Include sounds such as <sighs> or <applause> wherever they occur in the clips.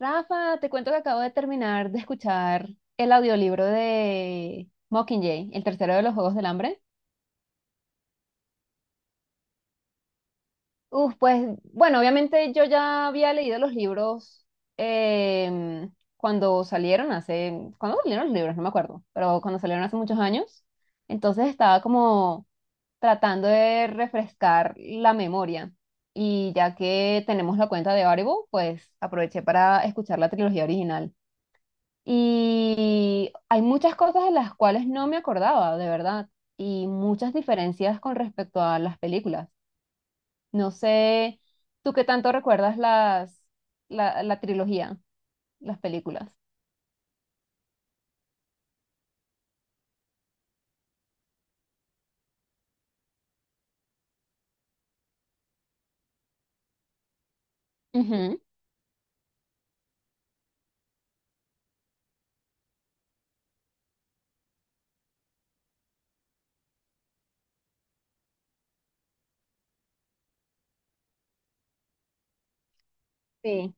Rafa, te cuento que acabo de terminar de escuchar el audiolibro de Mockingjay, el tercero de los Juegos del Hambre. Uf, pues bueno, obviamente yo ya había leído los libros em, cuando salieron hace, ¿cuándo salieron los libros? No me acuerdo, pero cuando salieron hace muchos años. Entonces estaba como tratando de refrescar la memoria. Y ya que tenemos la cuenta de Audible, pues aproveché para escuchar la trilogía original. Y hay muchas cosas de las cuales no me acordaba, de verdad, y muchas diferencias con respecto a las películas. No sé, ¿tú qué tanto recuerdas la, la trilogía, las películas? Ujú, sí.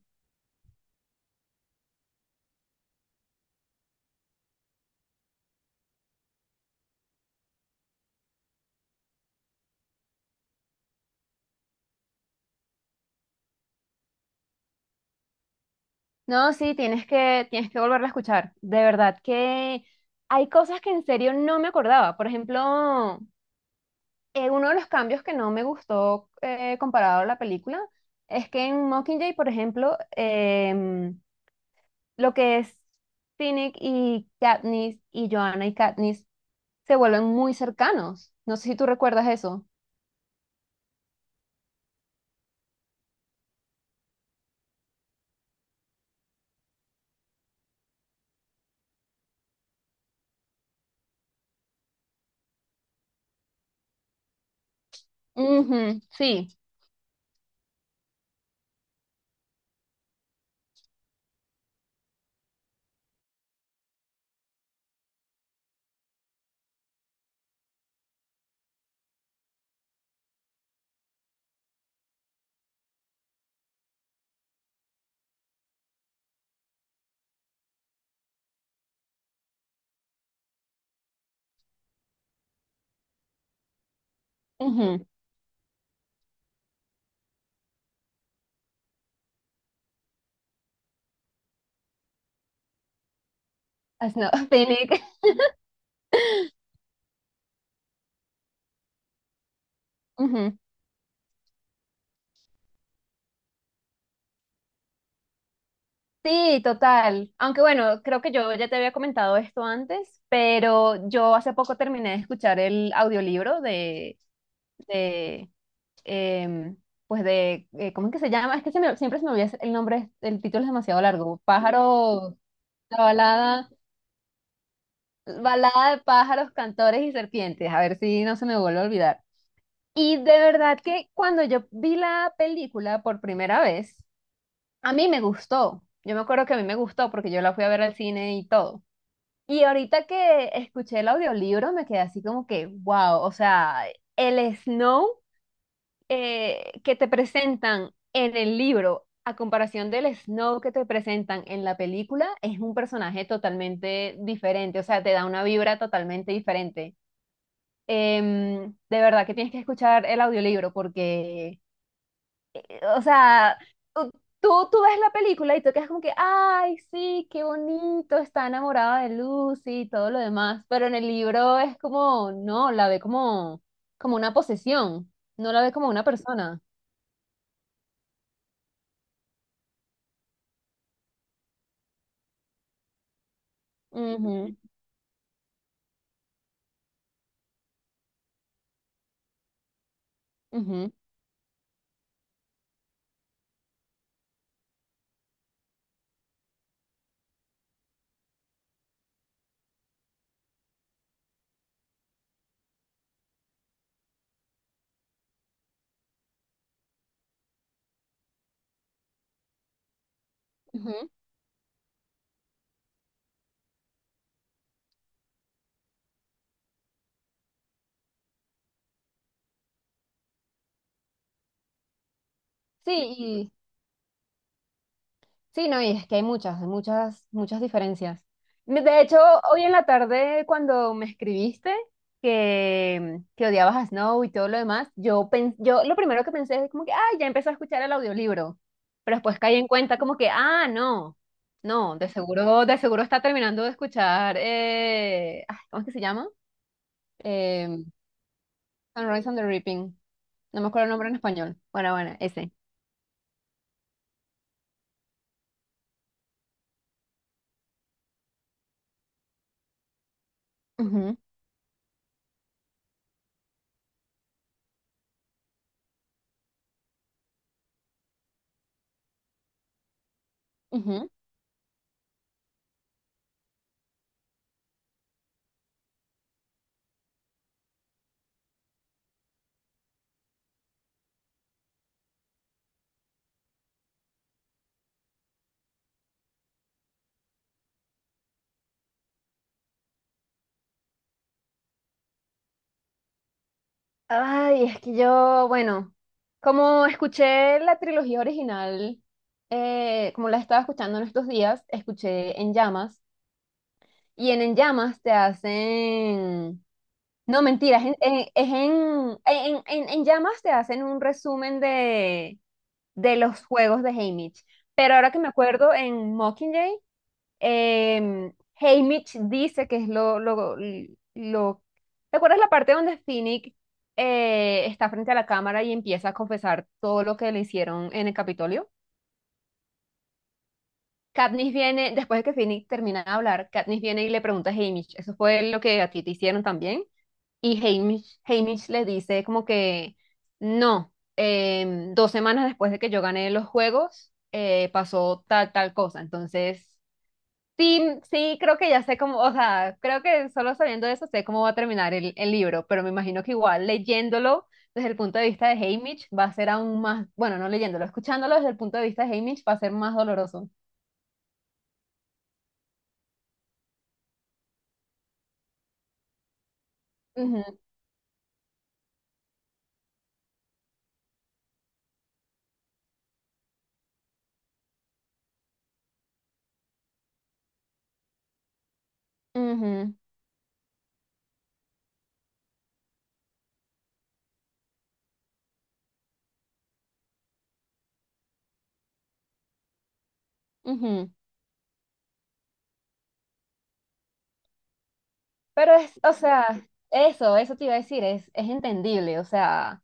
No, sí, tienes que volverla a escuchar. De verdad que hay cosas que en serio no me acordaba. Por ejemplo, uno de los cambios que no me gustó comparado a la película es que en Mockingjay, por ejemplo, lo que es Finnick y Katniss y Joanna y Katniss se vuelven muy cercanos. No sé si tú recuerdas eso. Ujú, sí. Ujú. As- no, <laughs> Finnick. Ujú. Sí, total. Aunque bueno, creo que yo ya te había comentado esto antes, pero yo hace poco terminé de escuchar el audiolibro de em, pues de, ¿cómo es que se llama? Es que se me- siempre se me olvida el nombre, el título es demasiado largo. Pájaro, la balada. Balada de pájaros, cantores y serpientes, a ver si no se me vuelve a olvidar. Y de verdad que cuando yo vi la película por primera vez, a mí me gustó. Yo me acuerdo que a mí me gustó porque yo la fui a ver al cine y todo. Y ahorita que escuché el audiolibro me quedé así como que, wow, o sea, el Snow que te presentan en el libro a comparación del Snow que te presentan en la película es un personaje totalmente diferente, o sea, te da una vibra totalmente diferente. De verdad que tienes que escuchar el audiolibro porque, o sea, u- tú ves la película y tú quedas como que, ay, sí, qué bonito, está enamorada de Lucy y todo lo demás, pero en el libro es como, no, la ve como, como una posesión, no la ve como una persona. Ujú, ujú, ujú. Sí, sí, no, y es que hay muchas, muchas diferencias. Me- De hecho, hoy en la tarde cuando me escribiste que odiabas a Snow y todo lo demás, yo, pen- yo lo primero que pensé es como que, ah, ya empecé a escuchar el audiolibro, pero después caí en cuenta como que, ah, no, no, de seguro está terminando de escuchar, ay, ¿cómo es que se llama? Eh, Sunrise on the Reaping, no me acuerdo el nombre en español. Bueno, bueno, ese. Ujú, ujú. Ay, es que yo, bueno, como escuché la trilogía original, como la estaba escuchando en estos días, escuché En Llamas, y en Llamas te hacen, no, mentira, es en Llamas te hacen un resumen de los juegos de Haymitch, pero ahora que me acuerdo, en Mockingjay Em, Haymitch dice que es lo, lo... ¿Te acuerdas la parte donde Finnick está frente a la cámara y empieza a confesar todo lo que le hicieron en el Capitolio? Katniss viene, después de que Finnick termina de hablar, Katniss viene y le pregunta a Haymitch, ¿eso fue lo que a ti te hicieron también? Y Haymitch, Haymitch le dice como que no, dos semanas después de que yo gané los juegos, pasó tal, tal cosa. Entonces... sí, sí, creo que ya sé cómo, o sea, creo que solo sabiendo eso sé cómo va a terminar el libro, pero me imagino que igual leyéndolo desde el punto de vista de Haymitch va a ser aún más, bueno, no leyéndolo, escuchándolo desde el punto de vista de Haymitch va a ser más doloroso. Ujú, ujú, ujú. Pero es, o sea, eso te iba a decir, es entendible, o sea.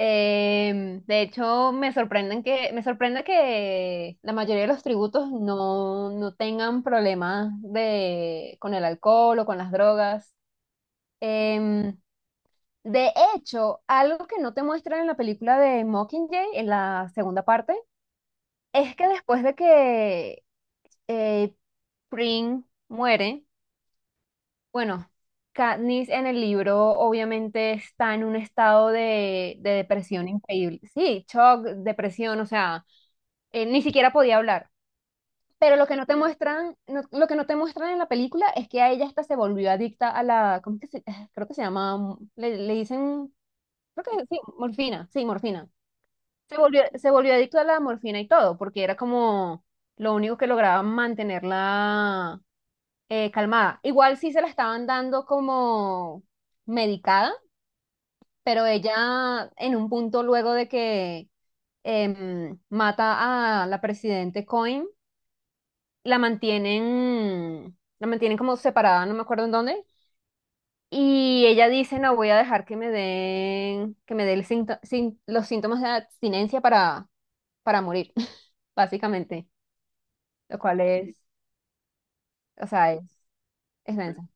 De hecho, me sorprenden que, me sorprende que la mayoría de los tributos no, no tengan problemas de, con el alcohol o con las drogas. Em, de hecho, algo que no te muestran en la película de Mockingjay, en la segunda parte, es que después de que eh, Pring muere, bueno, Katniss en el libro obviamente está en un estado de depresión increíble. Sí, shock, depresión, o sea, ni siquiera podía hablar. Pero lo que no te muestran, no- lo que no te muestran en la película es que a ella hasta se volvió adicta a la, ¿cómo que se, <sighs> creo que se llama, mm, le dicen, creo que sí, morfina, sí, morfina. Se volvió adicta a la morfina y todo, porque era como lo único que lograba mantenerla calmada. Igual sí se la estaban dando como medicada, pero ella en un punto luego de que mata a la presidente Coin la mantienen como separada, no me acuerdo en dónde. Y ella dice, no, voy a dejar que me den, que me dé el sinto- sin- los síntomas de abstinencia para morir, <laughs> básicamente. Lo cual es, o sea, es densa.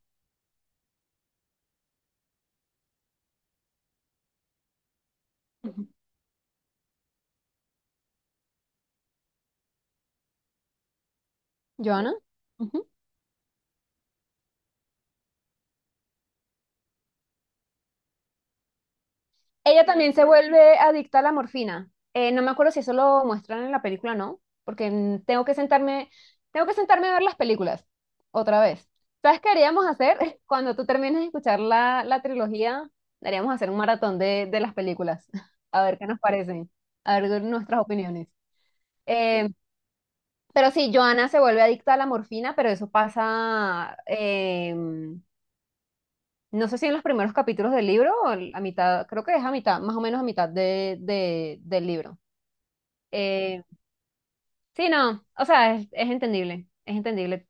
¿Joana? Ella también se vuelve adicta a la morfina. No me acuerdo si eso lo muestran en la película o no, porque mm, tengo que sentarme a ver las películas otra vez. ¿Sabes qué haríamos hacer? <laughs> Cuando tú termines de escuchar la, la trilogía, haríamos hacer un maratón de las películas, <laughs> a ver qué nos parecen, a ver nuestras opiniones. Eh, pero sí, Joana se vuelve adicta a la morfina, pero eso pasa, no sé si en los primeros capítulos del libro o el- a mitad, creo que es a mitad, más o menos a mitad de- del libro. Eh, sí, no, o sea, es entendible, es entendible.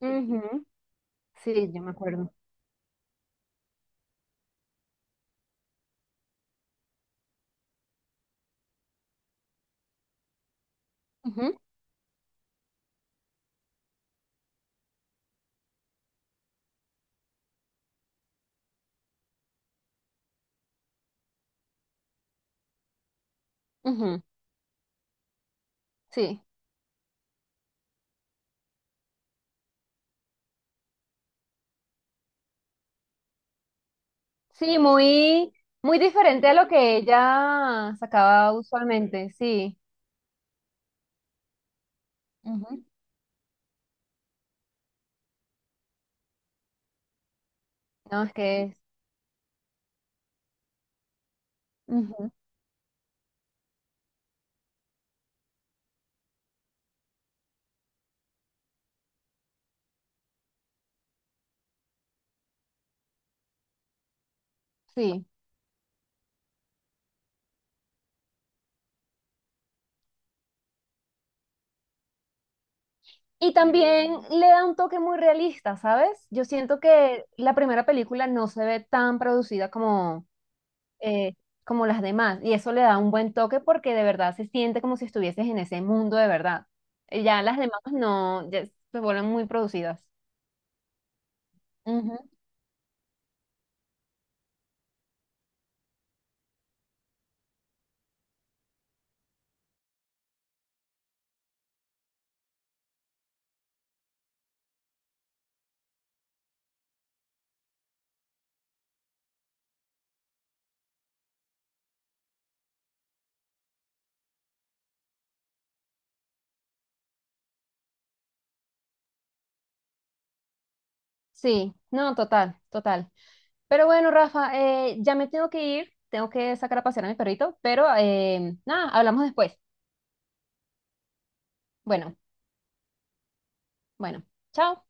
Ujú, sí, yo me acuerdo. Ujú, ujú, sí, sí, muy, muy diferente a lo que ella sacaba usualmente, sí. Ujú, no, es que es, ujú, sí. Y también le da un toque muy realista, ¿sabes? Yo siento que la primera película no se ve tan producida, eh, como las demás. Y eso le da un buen toque porque de verdad se siente como si estuvieses en ese mundo de verdad. Ya las demás no, ya se vuelven muy producidas. Ujú. Sí, no, total, total. Pero bueno, Rafa, ya me tengo que ir, tengo que sacar a pasear a mi perrito, pero nada, hablamos después. Bueno, bueno, chao.